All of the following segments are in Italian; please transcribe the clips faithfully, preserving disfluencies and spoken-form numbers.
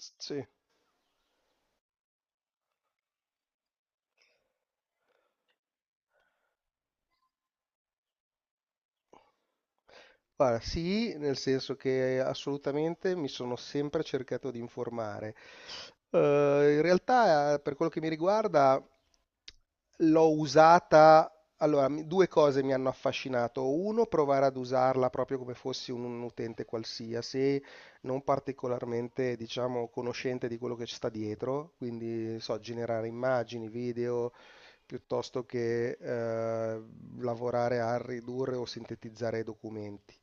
S- Sì, guarda, sì, nel senso che assolutamente mi sono sempre cercato di informare. Eh, In realtà, per quello che mi riguarda, l'ho usata. Allora, mi- due cose mi hanno affascinato. Uno, provare ad usarla proprio come fossi un, un utente qualsiasi, non particolarmente, diciamo, conoscente di quello che ci sta dietro, quindi, so, generare immagini, video, piuttosto che eh, lavorare a ridurre o sintetizzare i documenti.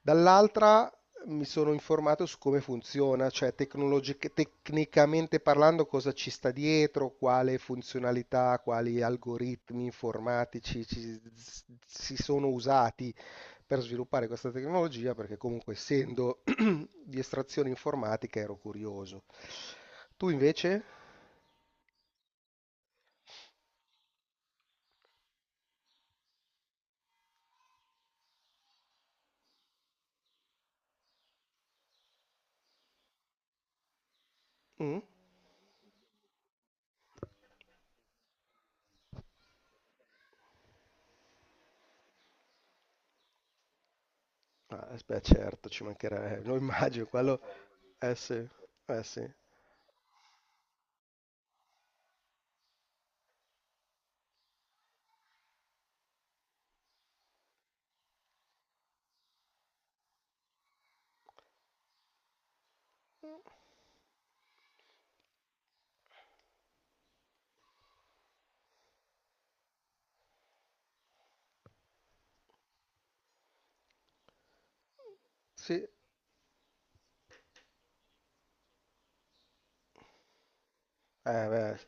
Dall'altra mi sono informato su come funziona, cioè tecnologic- tecnicamente parlando cosa ci sta dietro, quale funzionalità, quali algoritmi informatici ci- si sono usati per sviluppare questa tecnologia, perché comunque essendo di estrazione informatica ero curioso. Tu invece? Mm? Ah, eh, beh, certo, ci mancherebbe, lo immagino, quello eh sì, eh sì. Sì, eh beh,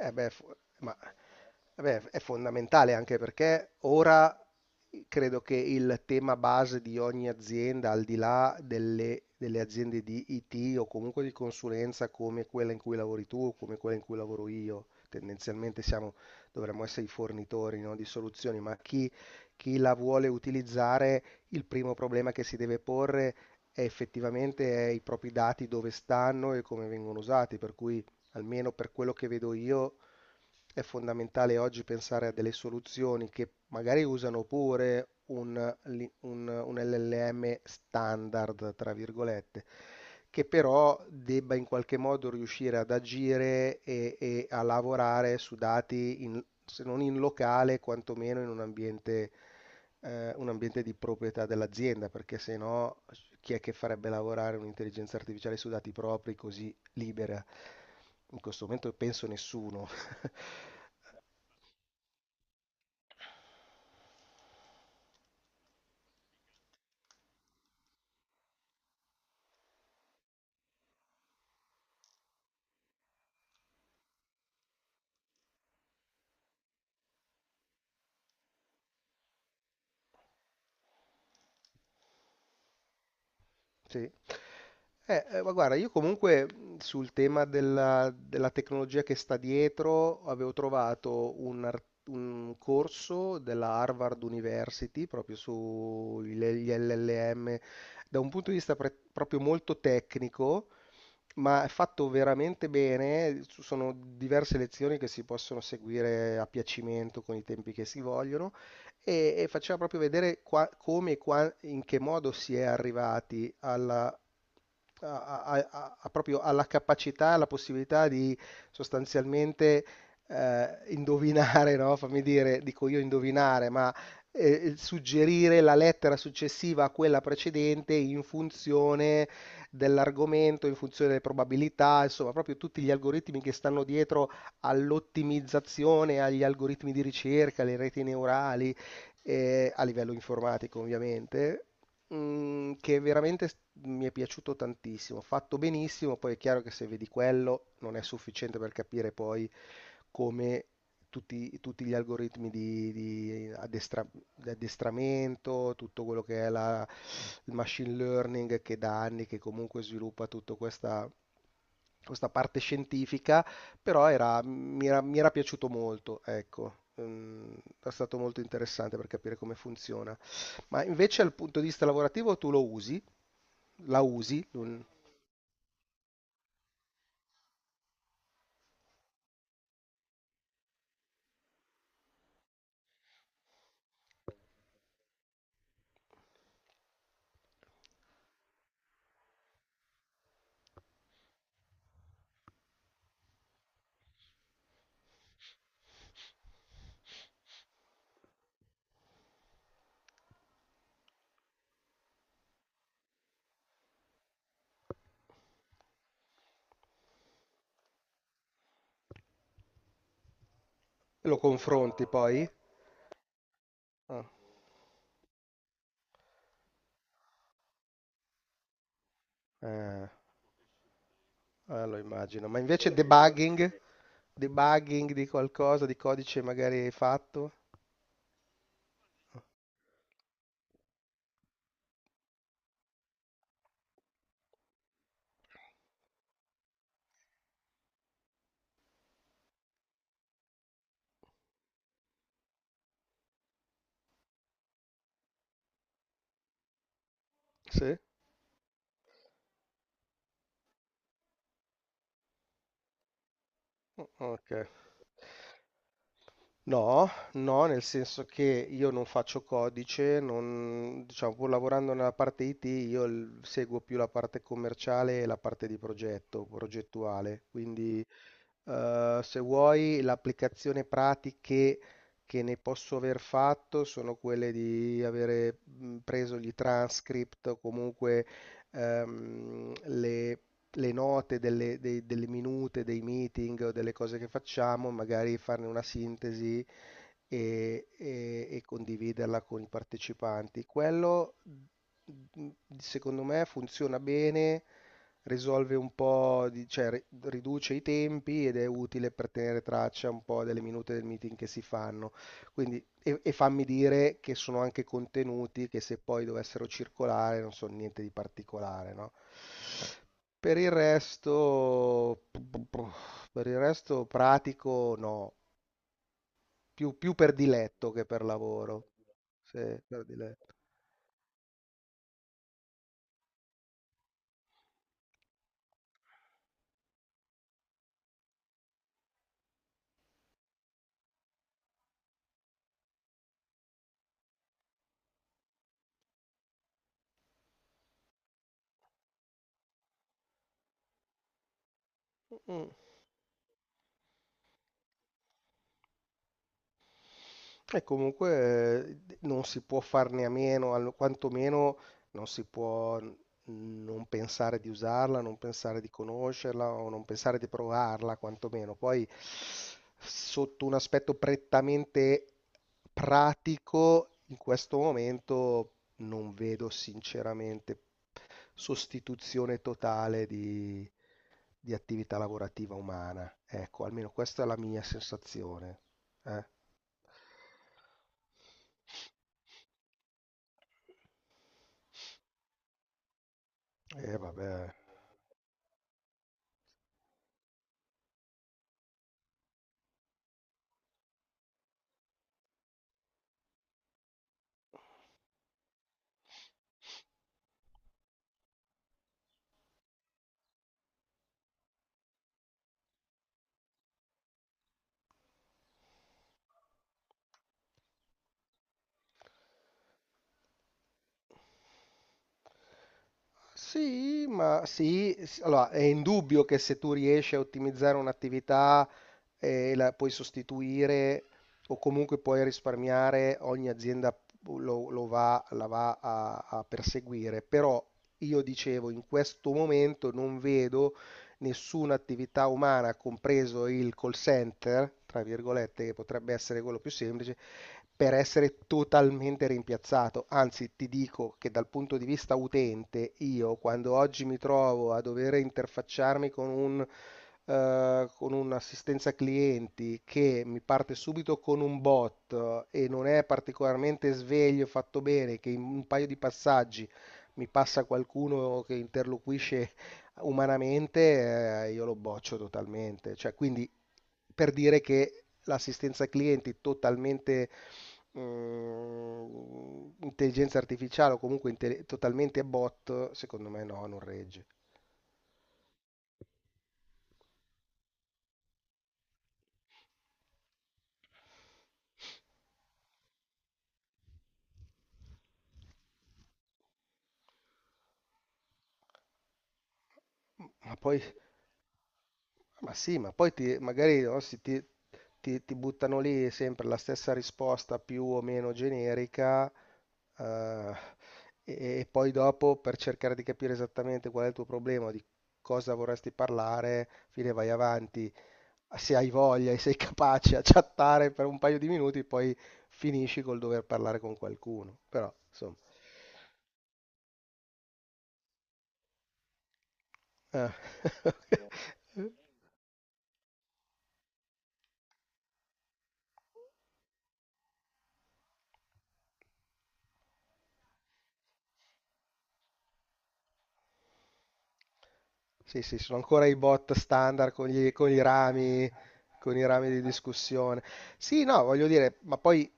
eh beh, fo- ma, vabbè, è fondamentale anche perché ora credo che il tema base di ogni azienda, al di là delle, delle aziende di I T o comunque di consulenza come quella in cui lavori tu o come quella in cui lavoro io, tendenzialmente siamo, dovremmo essere i fornitori, no, di soluzioni, ma chi, chi la vuole utilizzare, il primo problema che si deve porre è effettivamente è i propri dati dove stanno e come vengono usati, per cui almeno per quello che vedo io, è fondamentale oggi pensare a delle soluzioni che magari usano pure un, li- un- un L L M standard, tra virgolette, che però debba in qualche modo riuscire ad agire e, e a lavorare su dati, in- se non in locale, quantomeno in un ambiente, eh, un ambiente di proprietà dell'azienda, perché se no chi è che farebbe lavorare un'intelligenza artificiale su dati propri così libera? In questo momento penso nessuno. Sì. Eh, eh, ma guarda, io comunque sul tema della, della tecnologia che sta dietro avevo trovato un, ar- un corso della Harvard University proprio sugli L L M da un punto di vista pre- proprio molto tecnico, ma è fatto veramente bene. Ci sono diverse lezioni che si possono seguire a piacimento con i tempi che si vogliono e, e faceva proprio vedere qua- come e qua- in che modo si è arrivati alla, a- a- a- a- proprio alla capacità, alla possibilità di sostanzialmente eh, indovinare, no? Fammi dire, dico io indovinare, ma eh, suggerire la lettera successiva a quella precedente in funzione dell'argomento in funzione delle probabilità, insomma, proprio tutti gli algoritmi che stanno dietro all'ottimizzazione, agli algoritmi di ricerca, alle reti neurali, eh, a livello informatico ovviamente, mm, che veramente s- mi è piaciuto tantissimo, fatto benissimo. Poi è chiaro che se vedi quello non è sufficiente per capire poi come tutti, tutti gli algoritmi di, di addestra- di addestramento, tutto quello che è la- il machine learning che da anni che comunque sviluppa tutta questa, questa parte scientifica, però era- mi era, mi era piaciuto molto, ecco. Mm, è stato molto interessante per capire come funziona. Ma invece dal punto di vista lavorativo tu lo usi? La usi? Lo lo confronti poi? Ah, eh. Eh, lo immagino. Ma invece debugging? Debugging di qualcosa, di codice magari hai fatto? Sì? O- Ok. No, no, nel senso che io non faccio codice, non, diciamo, pur lavorando nella parte I T, io l- seguo più la parte commerciale e la parte di progetto, progettuale. Quindi eh, se vuoi, l'applicazione pratiche che ne posso aver fatto sono quelle di avere mh, preso gli transcript o comunque ehm, le, le note delle, dei- delle minute, dei meeting o delle cose che facciamo, magari farne una sintesi e, e- e condividerla con i partecipanti. Quello, mh, secondo me, funziona bene, risolve un po', di- cioè ri- riduce i tempi ed è utile per tenere traccia un po' delle minute del meeting che si fanno. Quindi, e, e fammi dire che sono anche contenuti che se poi dovessero circolare non sono niente di particolare, no? Per il resto, per il resto pratico no, più, più per diletto che per lavoro. Sì, per diletto. Mm. E comunque eh, non si può farne a meno, allo- quantomeno non si può n- non pensare di usarla, non pensare di conoscerla o non pensare di provarla, quantomeno. Poi sotto un aspetto prettamente pratico, in questo momento non vedo sinceramente sostituzione totale di, di attività lavorativa umana. Ecco, almeno questa è la mia sensazione. Eh, eh vabbè. Sì, ma sì, s- allora è indubbio che se tu riesci a ottimizzare un'attività e la puoi sostituire o comunque puoi risparmiare, ogni azienda lo, lo va, la va a, a perseguire. Però io dicevo, in questo momento non vedo nessuna attività umana, compreso il call center, tra virgolette, che potrebbe essere quello più semplice, per essere totalmente rimpiazzato. Anzi, ti dico che dal punto di vista utente, io quando oggi mi trovo a dover interfacciarmi con un eh, con un'assistenza clienti che mi parte subito con un bot e non è particolarmente sveglio, fatto bene, che in un paio di passaggi mi passa qualcuno che interloquisce umanamente, eh, io lo boccio totalmente. Cioè, quindi per dire che l'assistenza ai clienti totalmente mm, intelligenza artificiale o comunque inte- totalmente bot, secondo me no, non regge. Ma poi ma sì, ma poi ti- magari no, si ti, ti- ti buttano lì sempre la stessa risposta più o meno generica, eh, e, e poi dopo per cercare di capire esattamente qual è il tuo problema, di cosa vorresti parlare, fine vai avanti. Se hai voglia e sei capace a chattare per un paio di minuti, poi finisci col dover parlare con qualcuno. Però, insomma, eh. Sì, sì, sono ancora i bot standard con gli- con i rami, con i rami di discussione. Sì, no, voglio dire, ma poi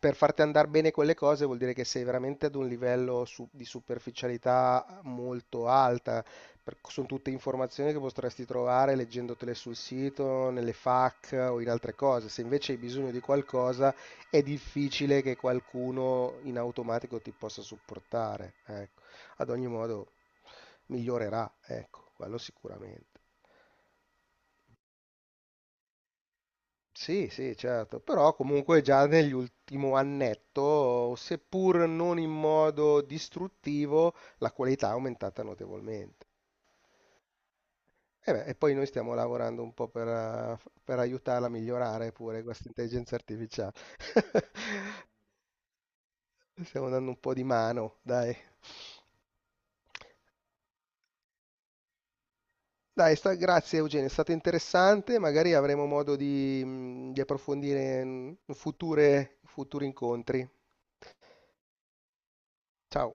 per farti andare bene quelle cose vuol dire che sei veramente ad un livello su- di superficialità molto alta. Per- sono tutte informazioni che potresti trovare leggendotele sul sito, nelle F A Q o in altre cose. Se invece hai bisogno di qualcosa, è difficile che qualcuno in automatico ti possa supportare. Ecco. Ad ogni modo migliorerà, ecco, quello sicuramente. Sì, sì, certo, però comunque già nell'ultimo annetto, seppur non in modo distruttivo, la qualità è aumentata notevolmente. E, beh, e poi noi stiamo lavorando un po' per, eh, per aiutarla a migliorare pure questa intelligenza artificiale. Stiamo dando un po' di mano, dai. Dai, sta- grazie Eugenio, è stato interessante, magari avremo modo di, mh, di approfondire in future- futuri incontri. Ciao.